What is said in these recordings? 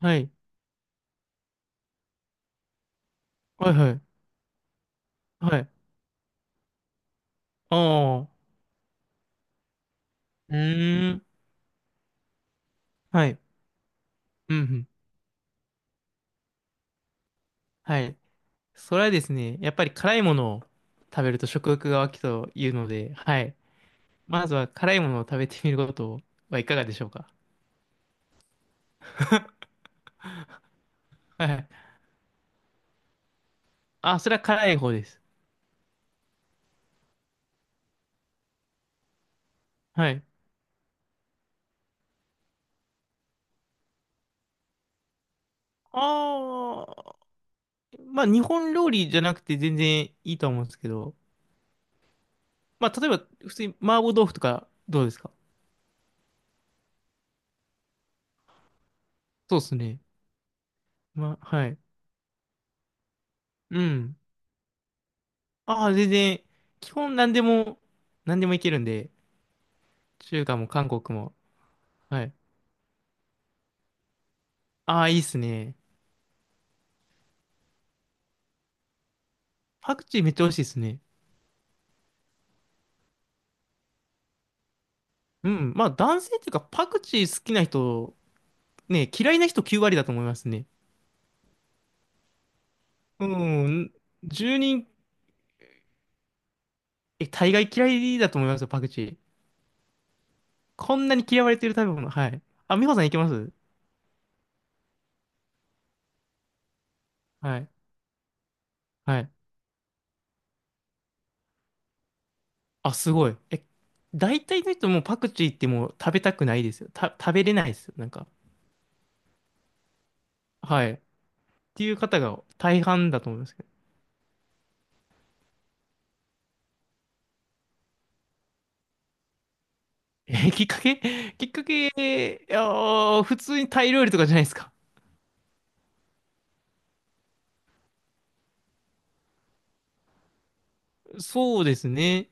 はい。はいはい。はい。ああ。うーん。はい。うんうん。はい。それはですね、やっぱり辛いものを食べると食欲が湧くというので、はい。まずは辛いものを食べてみることはいかがでしょうか？はいはい。あ、それは辛い方です。はい。ああ。まあ、日本料理じゃなくて全然いいと思うんですけど、まあ、例えば、普通に麻婆豆腐とかどうですか？そうですね。まあ、はい。うん。ああ、全然、基本何でも、何でもいけるんで、中華も韓国も。はい。ああ、いいっすね。パクチーめっちゃ美味しいっすね。うん。まあ男性っていうかパクチー好きな人、ね、嫌いな人9割だと思いますね。うん。10人、え、大概嫌いだと思いますよ、パクチー。こんなに嫌われてる食べ物。はい。あ、美穂さんいけます？はい。はい。あ、すごい。え、大体の人もうパクチーってもう食べたくないですよ。食べれないですよ。なんか。はい。っていう方が大半だと思いますけど。え、きっかけ？ きっかけ、いやー、普通にタイ料理とかじゃないですか。そうですね。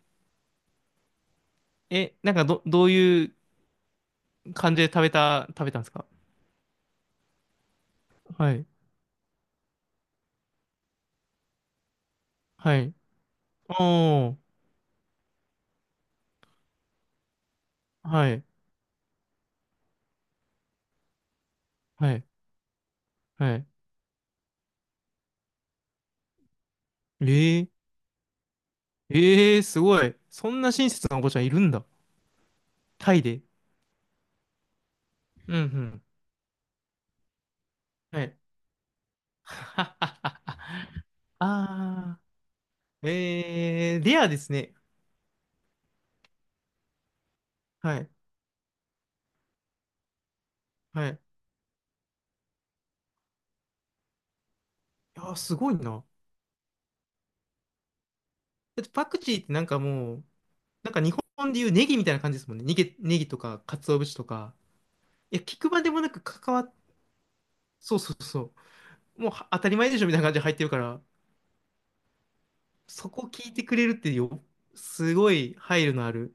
え、なんかどういう感じで食べたんですか？はい。はい。おー。はい。はい。はい。えー、えー、すごい。そんな親切なお子ちゃんいるんだ。タイで。うんうん。はい。はは。あー。えー、レアですね。はい。はい。いやー、すごいな。だってパクチーってなんかもう、なんか日本でいうネギみたいな感じですもんね。ネギとか、鰹節とか。いや、聞くまでもなく関わっ、そうそうそう。もうは当たり前でしょみたいな感じで入ってるから、そこ聞いてくれるってよ、すごい配慮のある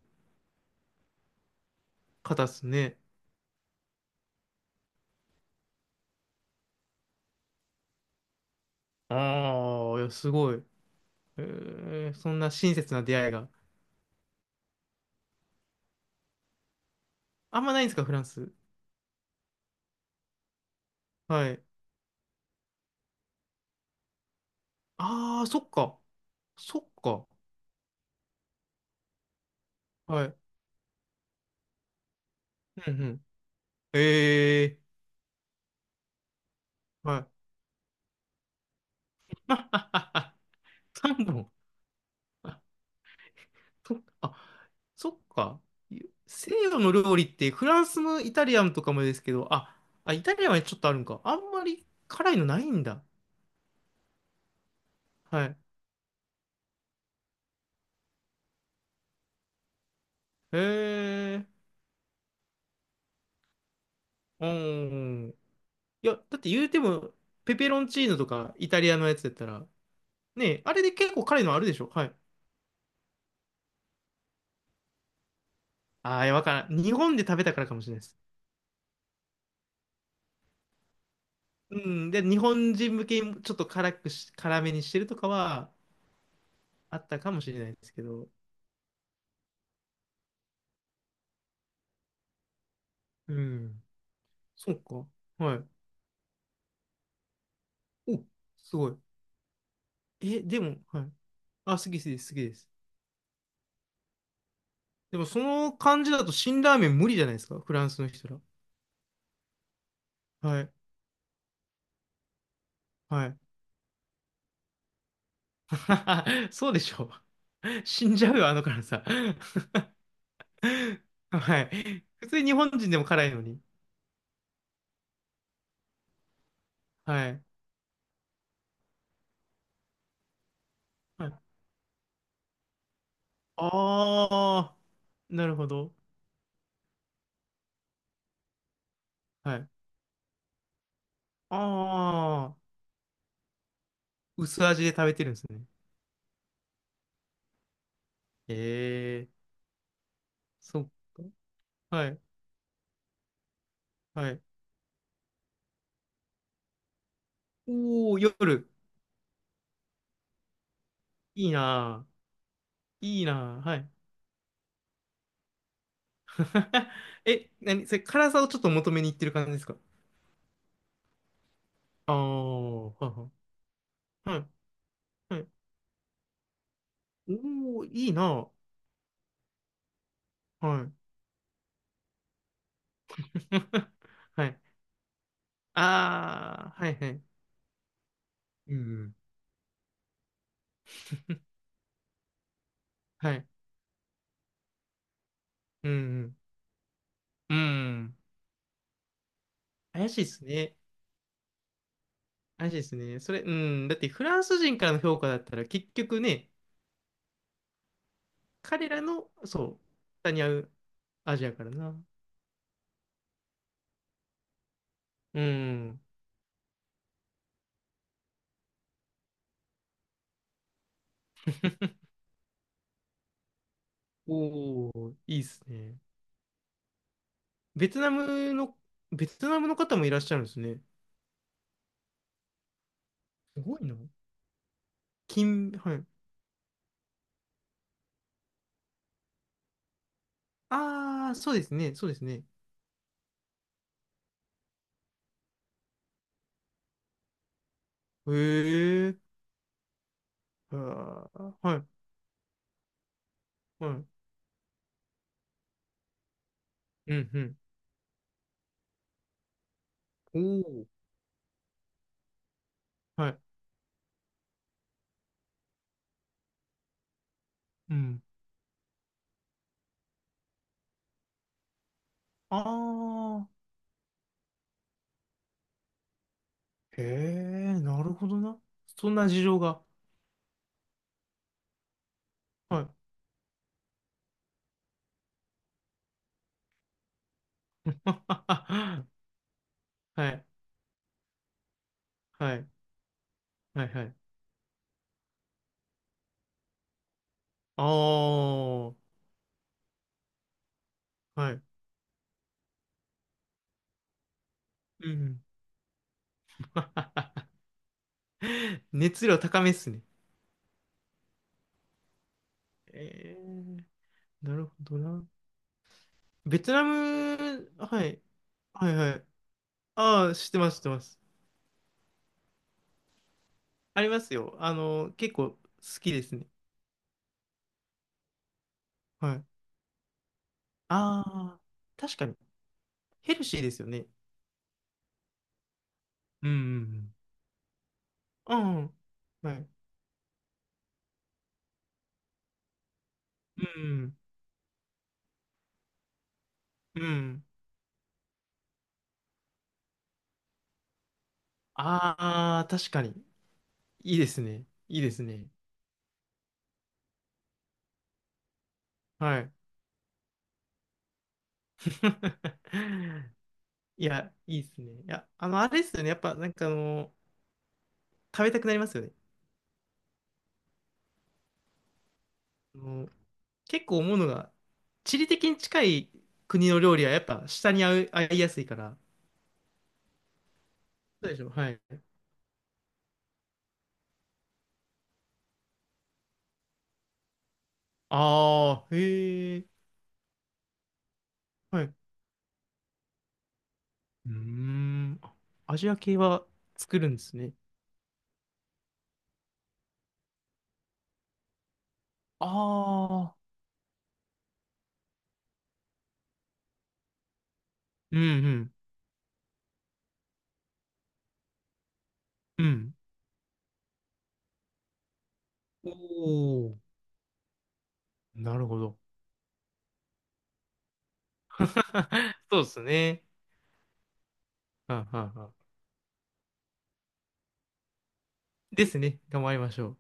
方っすね。ああ、いや、すごい。えー、そんな親切な出会いが。あんまないんですか、フランス？はい。ああ、そっか。そっか。はい。うんうん。ええー。はい。3本。と、あ、そっか。西洋の料理ってフランスのイタリアンとかもですけど、あ、イタリアンはちょっとあるんか。あんまり辛いのないんだ。はい。へえ。うん。いや、だって言うても、ペペロンチーノとかイタリアのやつだったら、ねえ、あれで結構辛いのあるでしょ？はい。ああ、いやわからん。日本で食べたからかもしれないです。うん。で、日本人向けにちょっと辛めにしてるとかはあったかもしれないですけど。うん。そうか。はい。お、すごい。え、でも、はい。あ、好き好きです、好きです。でも、その感じだと辛ラーメン無理じゃないですか、フランスの人ら。はい、はい。そうでしょう。死んじゃうよ、あの辛さ。はい。普通に日本人でも辛いのに。はい。はい、あー、なるほど。はい。あー、薄味で食べてるんですね。えー、そっか。はい、はい。おー、夜。いいなぁ。いいなぁ。はい。え、何それ、辛さをちょっと求めに行ってる感じですか？ああー、はいはい。はい、はい。おー、いいな。はい。はい。ああ、はい、はい。うん。はい。うん、うん。うん。怪しいですね。怪しいですね。それ、うん。だってフランス人からの評価だったら結局ね、彼らの、そう、下に合うアジアからな。うん。おお、いいですね。ベトナムの、ベトナムの方もいらっしゃるんですね。すごいな。はい。ああ、そうですね、そうですね。へえ、あーはい、はい。うん、うん。おお、はい。うん。ああ、へえ、なるほどな。そんな事情が。はい。はい、はい、はい、はい。ああ、はい。うん。熱量高めっすね。えー、なるほどな。ベトナム、はい、はい、はい。ああ、知ってます、知ってます。ありますよ。あの、結構好きですね。はい。ああ、確かに。ヘルシーですよね。うんうんうん。うんうんはい。うんうん。うん。ああ、確かに。いいですね。いいですね。はい。いや、いいですね。いや、あの、あれですよね。やっぱ、なんかあの、食べたくなりますよね。あの、結構思うのが、地理的に近い国の料理はやっぱ下に合う、合いやすいから。そうでしょ。はい。ああ、へえ。はいうーん。あアジア系は作るんですね。ああ。うんうん。うん。おお。なるほど。そうですね。はんはんはんですね。頑張りましょう。